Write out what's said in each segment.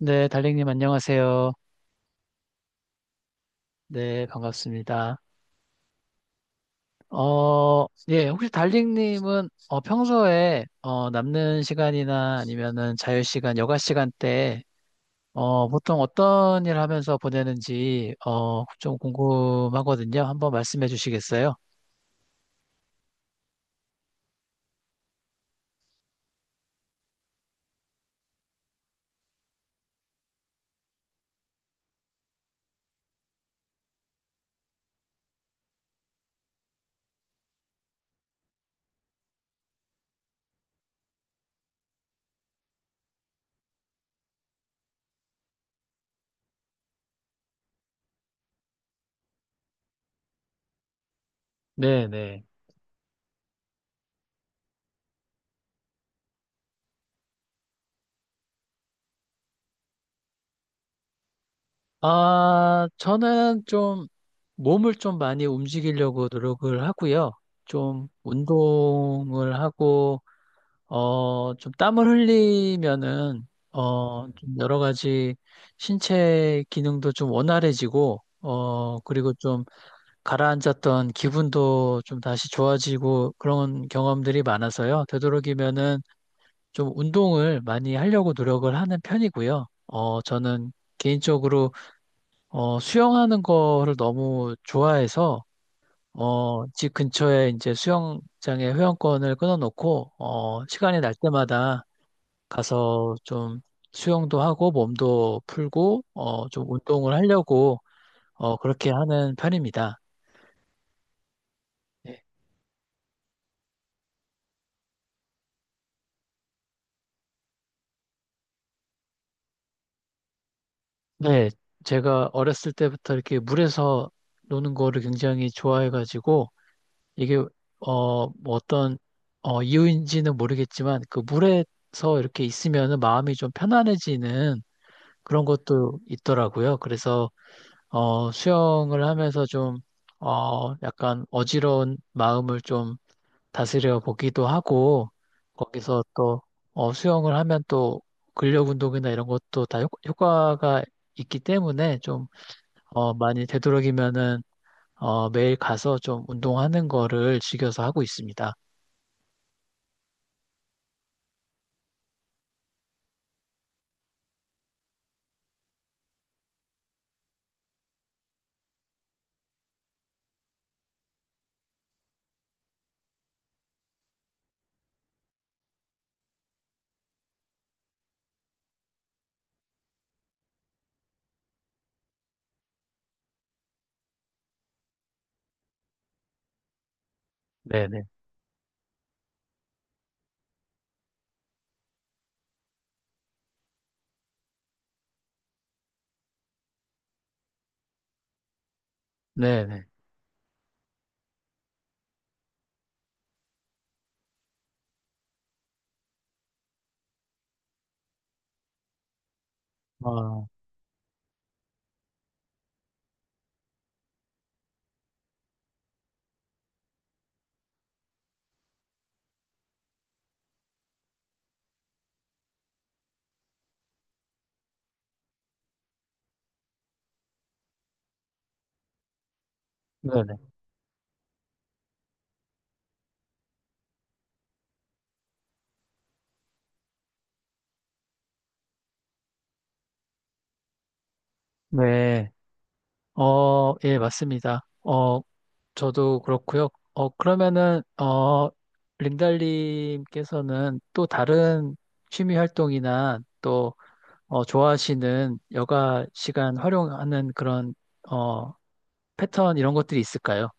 네, 달링님 안녕하세요. 네, 반갑습니다. 예, 혹시 달링님은 평소에 남는 시간이나 아니면은 자유 시간, 여가 시간 때 보통 어떤 일 하면서 보내는지 좀 궁금하거든요. 한번 말씀해 주시겠어요? 네, 네. 아, 저는 좀 몸을 좀 많이 움직이려고 노력을 하고요. 좀 운동을 하고 좀 땀을 흘리면은, 좀 여러 가지 신체 기능도 좀 원활해지고, 그리고 좀 가라앉았던 기분도 좀 다시 좋아지고 그런 경험들이 많아서요. 되도록이면은 좀 운동을 많이 하려고 노력을 하는 편이고요. 저는 개인적으로, 수영하는 거를 너무 좋아해서, 집 근처에 이제 수영장에 회원권을 끊어놓고, 시간이 날 때마다 가서 좀 수영도 하고 몸도 풀고 좀 운동을 하려고 그렇게 하는 편입니다. 네, 네, 제가 어렸을 때부터 이렇게 물에서 노는 거를 굉장히 좋아해가지고 이게 어, 뭐 어떤 이유인지는 모르겠지만 그 물에서 이렇게 있으면은 마음이 좀 편안해지는 그런 것도 있더라고요. 그래서 수영을 하면서 좀 약간 어지러운 마음을 좀 다스려 보기도 하고 거기서 또 수영을 하면 또 근력 운동이나 이런 것도 다 효과가 있기 때문에 좀 많이 되도록이면은 매일 가서 좀 운동하는 거를 즐겨서 하고 있습니다. 네네. 네네. 어, 네네. 네. 예, 맞습니다. 어, 저도 그렇고요. 그러면은 린달님께서는 또 다른 취미 활동이나 또 좋아하시는 여가 시간 활용하는 그런 어, 패턴 이런 것들이 있을까요?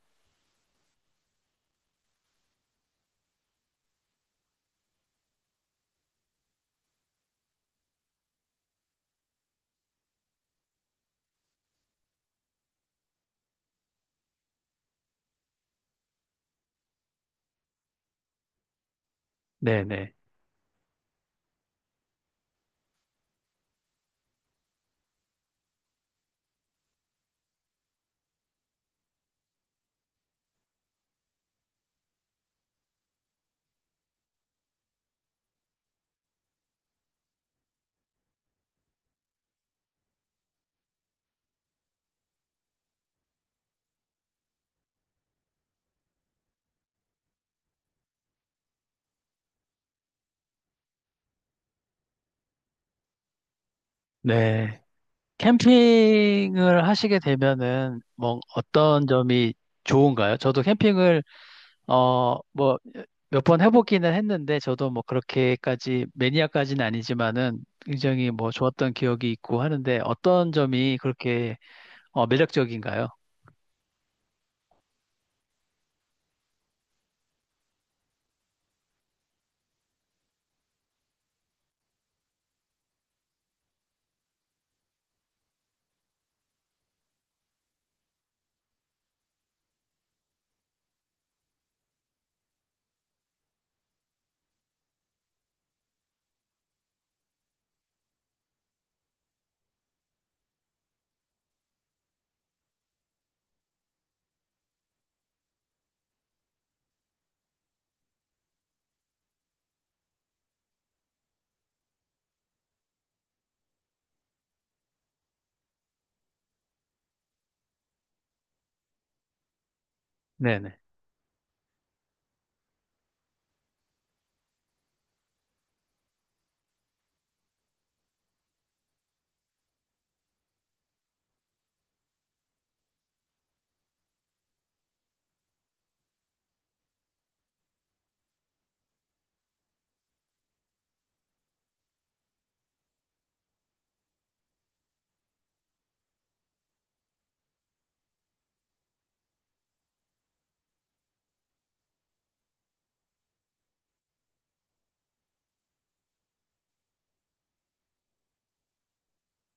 네네. 네. 캠핑을 하시게 되면은 뭐 어떤 점이 좋은가요? 저도 캠핑을 어, 뭐 몇 번 해보기는 했는데 저도 뭐 그렇게까지 매니아까지는 아니지만은 굉장히 뭐 좋았던 기억이 있고 하는데 어떤 점이 그렇게 매력적인가요? 네네.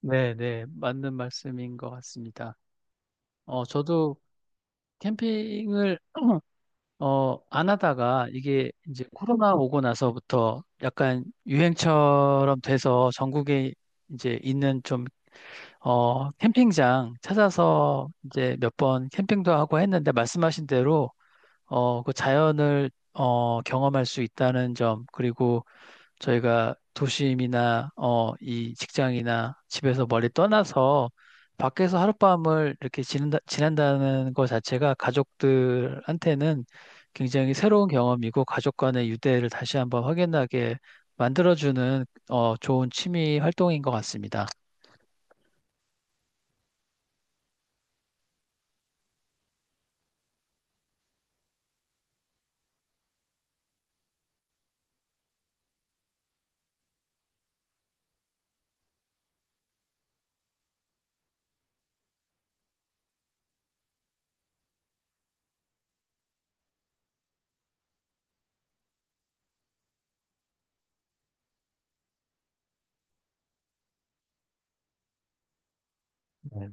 네네. 맞는 말씀인 것 같습니다. 저도 캠핑을 안 하다가 이게 이제 코로나 오고 나서부터 약간 유행처럼 돼서 전국에 이제 있는 캠핑장 찾아서 이제 몇 번 캠핑도 하고 했는데 말씀하신 대로, 그 자연을, 경험할 수 있다는 점, 그리고 저희가 도심이나 이 직장이나 집에서 멀리 떠나서 밖에서 하룻밤을 이렇게 지낸다는 것 자체가 가족들한테는 굉장히 새로운 경험이고 가족 간의 유대를 다시 한번 확인하게 만들어주는 좋은 취미 활동인 것 같습니다. 네.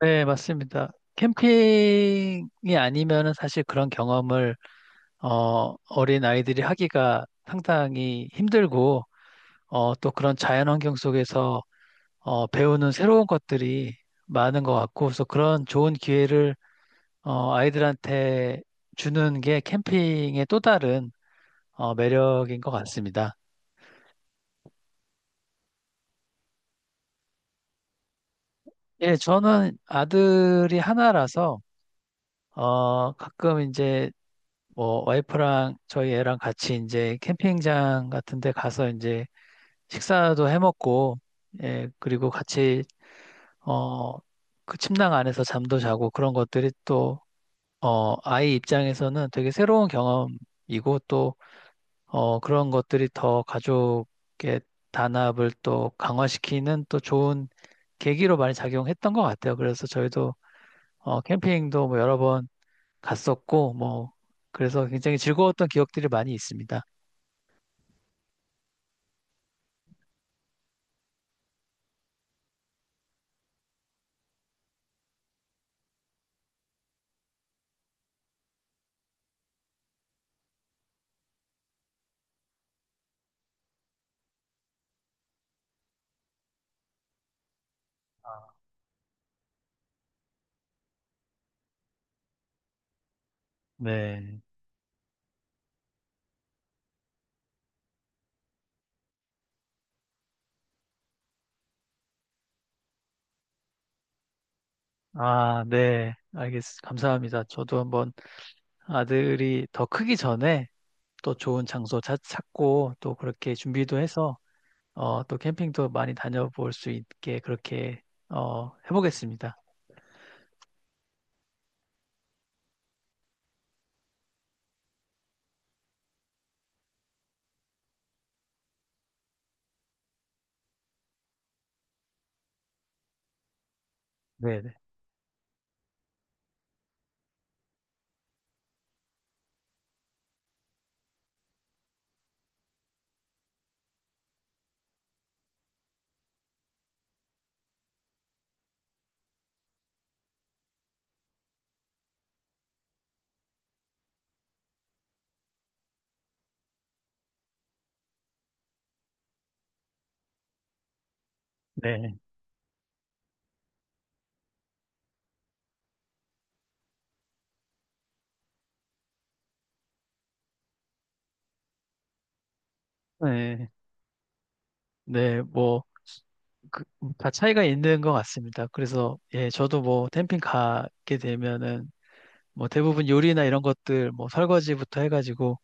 네, 맞습니다. 캠핑이 아니면은 사실 그런 경험을 어린 아이들이 하기가 상당히 힘들고 또 그런 자연 환경 속에서 배우는 새로운 것들이 많은 것 같고, 그래서 그런 좋은 기회를 아이들한테 주는 게 캠핑의 또 다른 매력인 것 같습니다. 예, 저는 아들이 하나라서 가끔 이제 뭐 와이프랑 저희 애랑 같이 이제 캠핑장 같은 데 가서 이제 식사도 해 먹고, 예, 그리고 같이 어, 그 침낭 안에서 잠도 자고 그런 것들이 또 아이 입장에서는 되게 새로운 경험이고 또, 그런 것들이 더 가족의 단합을 또 강화시키는 또 좋은 계기로 많이 작용했던 것 같아요. 그래서 저희도, 캠핑도 뭐 여러 번 갔었고, 뭐, 그래서 굉장히 즐거웠던 기억들이 많이 있습니다. 네. 아, 네. 감사합니다. 저도 한번 아들이 더 크기 전에 또 좋은 장소 찾고 또 그렇게 준비도 해서 또 캠핑도 많이 다녀볼 수 있게 그렇게 해보겠습니다. 네, 네, 네, 네, 네, 뭐, 그, 다 차이가 있는 것 같습니다. 그래서 예, 저도 뭐 캠핑 가게 되면은 뭐 대부분 요리나 이런 것들 뭐 설거지부터 해가지고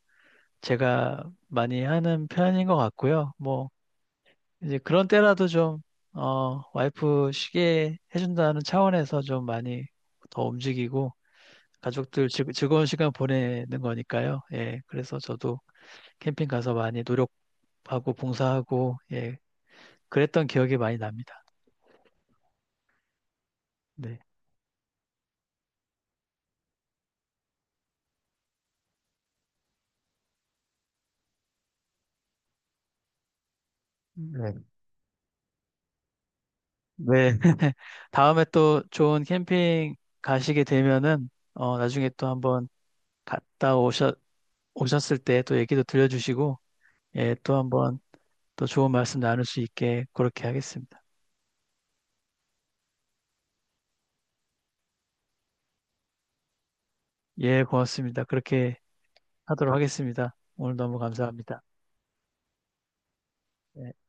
제가 많이 하는 편인 것 같고요. 뭐 이제 그런 때라도 좀 와이프 쉬게 해준다는 차원에서 좀 많이 더 움직이고. 가족들 즐거운 시간 보내는 거니까요. 예, 그래서 저도 캠핑 가서 많이 노력하고 봉사하고 예, 그랬던 기억이 많이 납니다. 네. 네. 네. 다음에 또 좋은 캠핑 가시게 되면은 나중에 또 한번 갔다 오셨 오셨을 때 또 얘기도 들려주시고 예, 또 한번 또 좋은 말씀 나눌 수 있게 그렇게 하겠습니다. 예, 고맙습니다. 그렇게 하도록 하겠습니다. 오늘 너무 감사합니다. 예.